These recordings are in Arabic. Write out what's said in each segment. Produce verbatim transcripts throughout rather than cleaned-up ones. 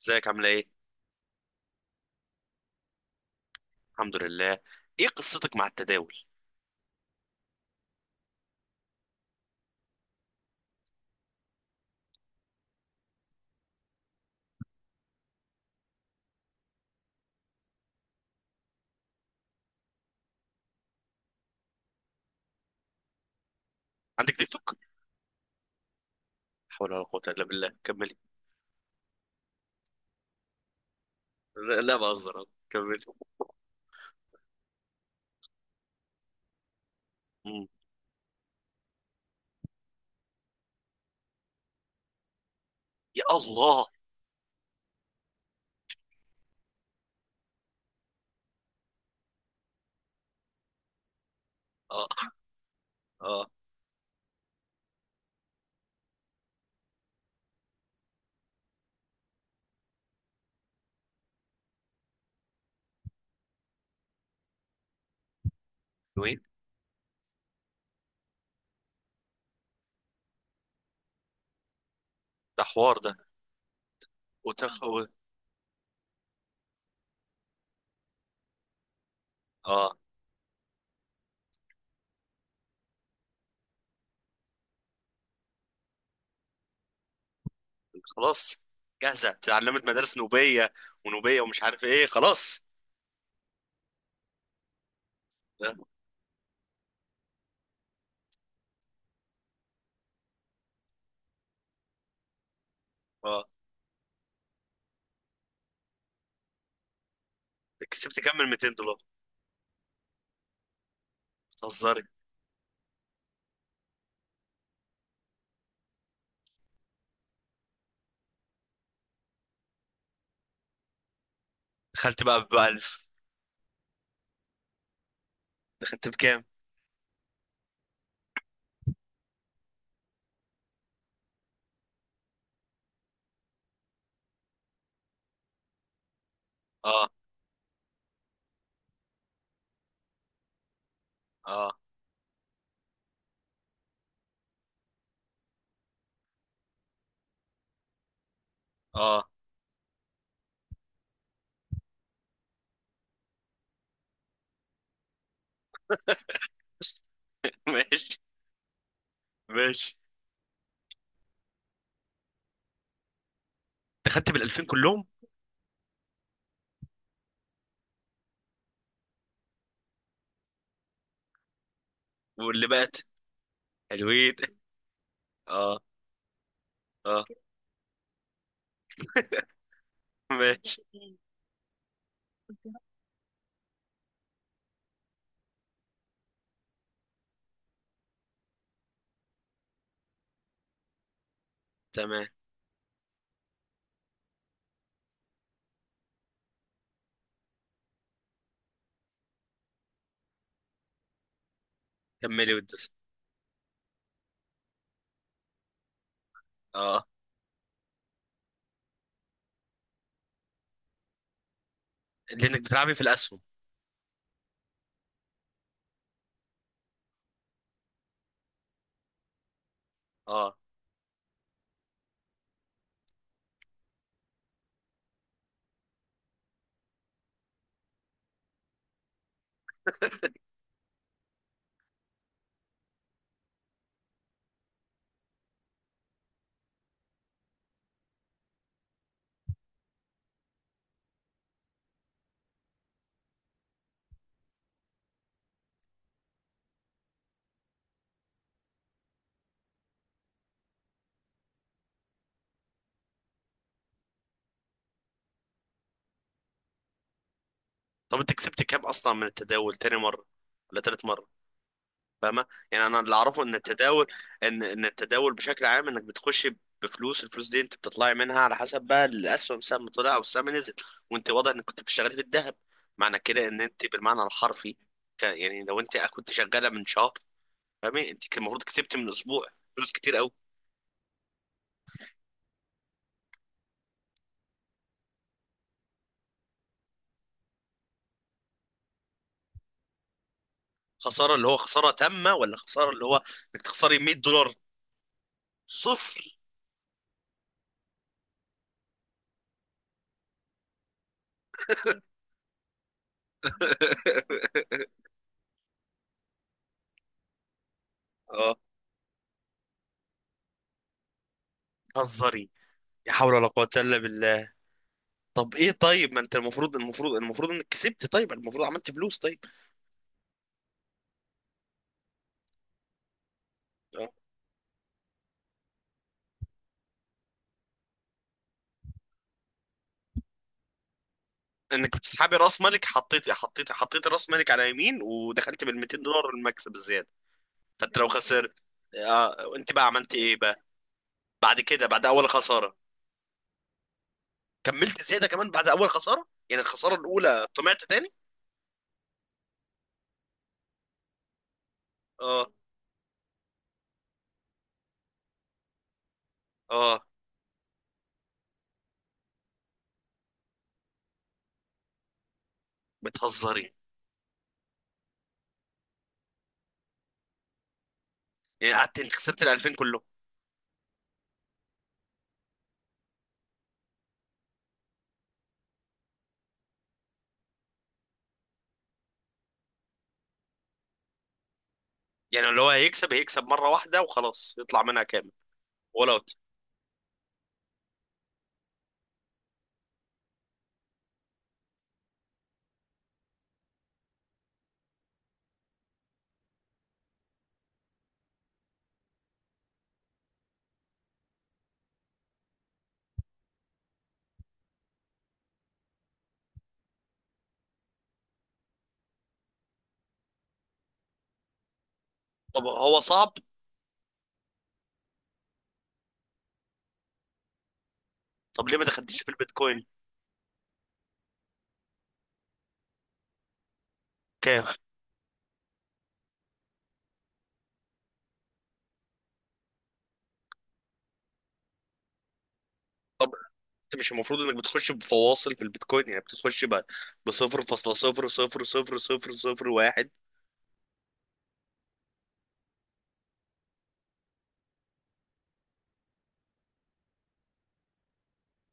ازيك؟ عامله ايه؟ الحمد لله. ايه قصتك مع التداول؟ عندك تيك توك؟ حول ولا قوه الا بالله، كملي. لا, لا بهزر، كملي. مم. يا الله. اه، اه. وين؟ ده حوار ده. وتخ و- اه، خلاص. جاهزه اتعلمت مدارس نوبيه ونوبيه ومش عارف ايه، خلاص. اه، آه. كسبت كام من ميتين دولار؟ بتهزري. دخلت بقى ب ألف. دخلت بكام؟ اه، اه، اه. ماشي، ماشي. دخلت بال ألفين كلهم؟ واللي بقت حلوين؟ اه، اه. ماشي. تمام. كملي وتدس. اه. لانك بتلعبي في الاسهم. اه، طب انت كسبت كام اصلا من التداول؟ تاني مره ولا تالت مره؟ فاهمه. يعني انا اللي اعرفه ان التداول، ان ان التداول بشكل عام انك بتخشي بفلوس. الفلوس دي انت بتطلعي منها على حسب بقى الاسهم، سهم طلع او السهم نزل. وانت واضح انك كنت بتشتغلي في الذهب. معنى كده ان انت بالمعنى الحرفي، ك- يعني لو انت كنت شغاله من شهر، فاهمه، انت كان المفروض كسبت من اسبوع فلوس كتير. خساره اللي هو خساره تامه، ولا خساره اللي هو انك تخسري مئة دولار؟ صفر. اه، هزري. لا حول ولا قوه الا بالله. طب ايه، طيب ما انت المفروض المفروض المفروض انك كسبت، طيب المفروض عملت فلوس. طيب، اه، انك بتسحبي راس مالك. حطيتي حطيتي حطيتي راس مالك على يمين، ودخلت بال مئتين دولار، المكسب، الزياده. فانت لو خسرت، اه، انت بقى عملت ايه بقى بعد كده؟ بعد اول خساره كملت زياده كمان؟ بعد اول خساره يعني، الخساره الاولى، طمعت تاني؟ اه، اه. بتهزري؟ يعني قعدت خسرت ال ألفين كلهم؟ يعني اللي هو هيكسب هيكسب مره واحده وخلاص، يطلع منها كامل ولا اوت؟ طب هو صعب؟ طب ليه ما دخلتش في البيتكوين؟ كام؟ طب انت مش المفروض انك بتخش بفواصل في البيتكوين؟ يعني بتخش ب ب نقطة صفر صفر صفر صفر صفر صفر واحد.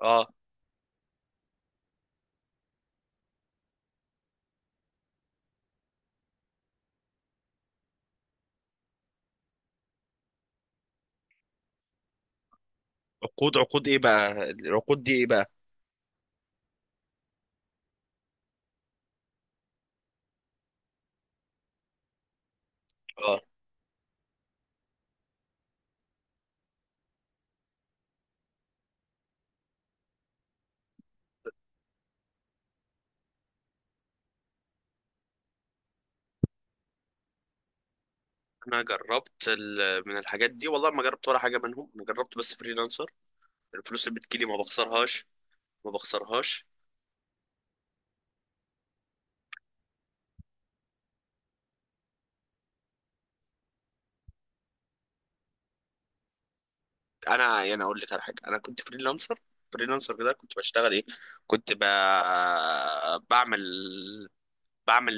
اه. عقود، عقود ايه بقى؟ العقود دي ايه بقى؟ اه، انا جربت ال- من الحاجات دي، والله ما جربت ولا حاجه منهم. انا جربت بس فريلانسر. الفلوس اللي بتجيلي ما بخسرهاش، ما بخسرهاش. انا يعني اقول لك على حاجه، انا كنت فريلانسر. فريلانسر ده كنت بشتغل ايه؟ كنت ب... بعمل بعمل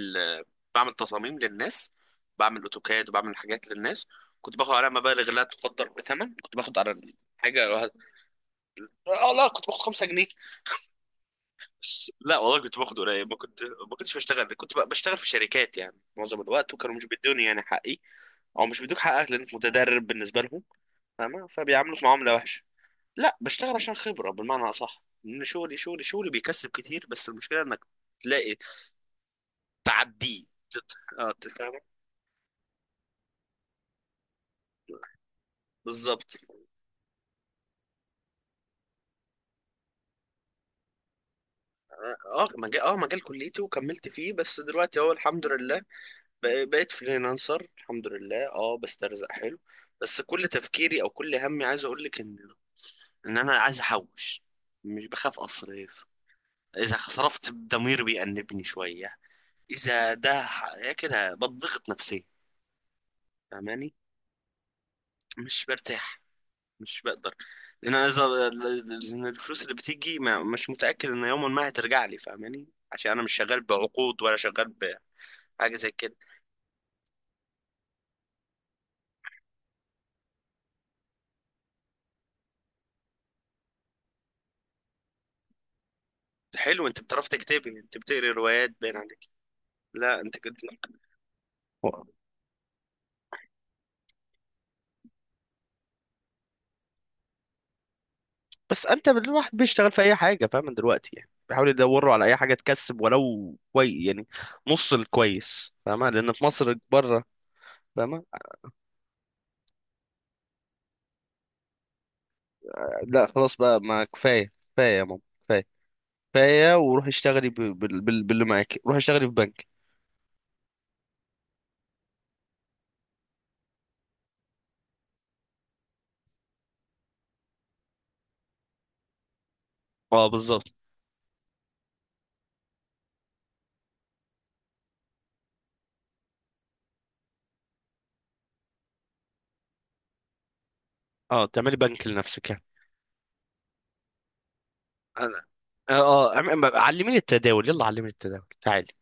بعمل تصاميم للناس، بعمل اوتوكاد، وبعمل حاجات للناس. كنت باخد عليها مبالغ لا تقدر بثمن. كنت باخد على حاجه واحد- اه، لا، كنت باخد خمسة جنيه. بس لا والله كنت باخد قليل. ما كنت ما كنتش بشتغل. كنت ب- بشتغل في شركات يعني معظم الوقت، وكانوا مش بيدوني يعني حقي. او مش بيدوك حقك لانك متدرب بالنسبه لهم، فاهمه؟ فبيعاملوك معامله وحشه. لا، بشتغل عشان خبرة بالمعنى أصح، إن شغلي، شغلي شغلي بيكسب كتير. بس المشكلة إنك تلاقي، تعديه، تت- اه تفهم. بالظبط. اه، آه، مجال اه مجال كليتي وكملت فيه. بس دلوقتي اهو الحمد لله. بق- بقيت فريلانسر، الحمد لله. اه، بسترزق حلو. بس كل تفكيري او كل همي عايز اقول لك ان، ان انا عايز احوش. مش بخاف اصرف، اذا صرفت ضمير بيأنبني شوية. اذا ده، ح- كده بضغط نفسيا، فاهماني؟ مش برتاح، مش بقدر. لان انا اذا. لان الفلوس اللي بتيجي، ما مش متاكد ان يوما ما هترجع لي، فاهماني؟ عشان انا مش شغال بعقود، ولا شغال بحاجه زي كده. حلو، انت بتعرف تكتبي، انت بتقري روايات باين عليك. لا انت كنت. لا. بس انت، الواحد بيشتغل في اي حاجه، فاهم دلوقتي؟ يعني بيحاول يدوروا على اي حاجه تكسب ولو كويس، يعني نص الكويس، فاهمه؟ لان في مصر بره. فاهمه. لا خلاص بقى، ما كفايه، كفايه يا ماما، كفايه، كفايه. وروحي اشتغلي ب- بال- بال- باللي معاكي، روحي اشتغلي في بنك. اه، بالظبط. اه، تعملي بنك لنفسك يعني. انا، اه آه، عم- عم- علميني التداول، يلا علميني التداول، تعالي.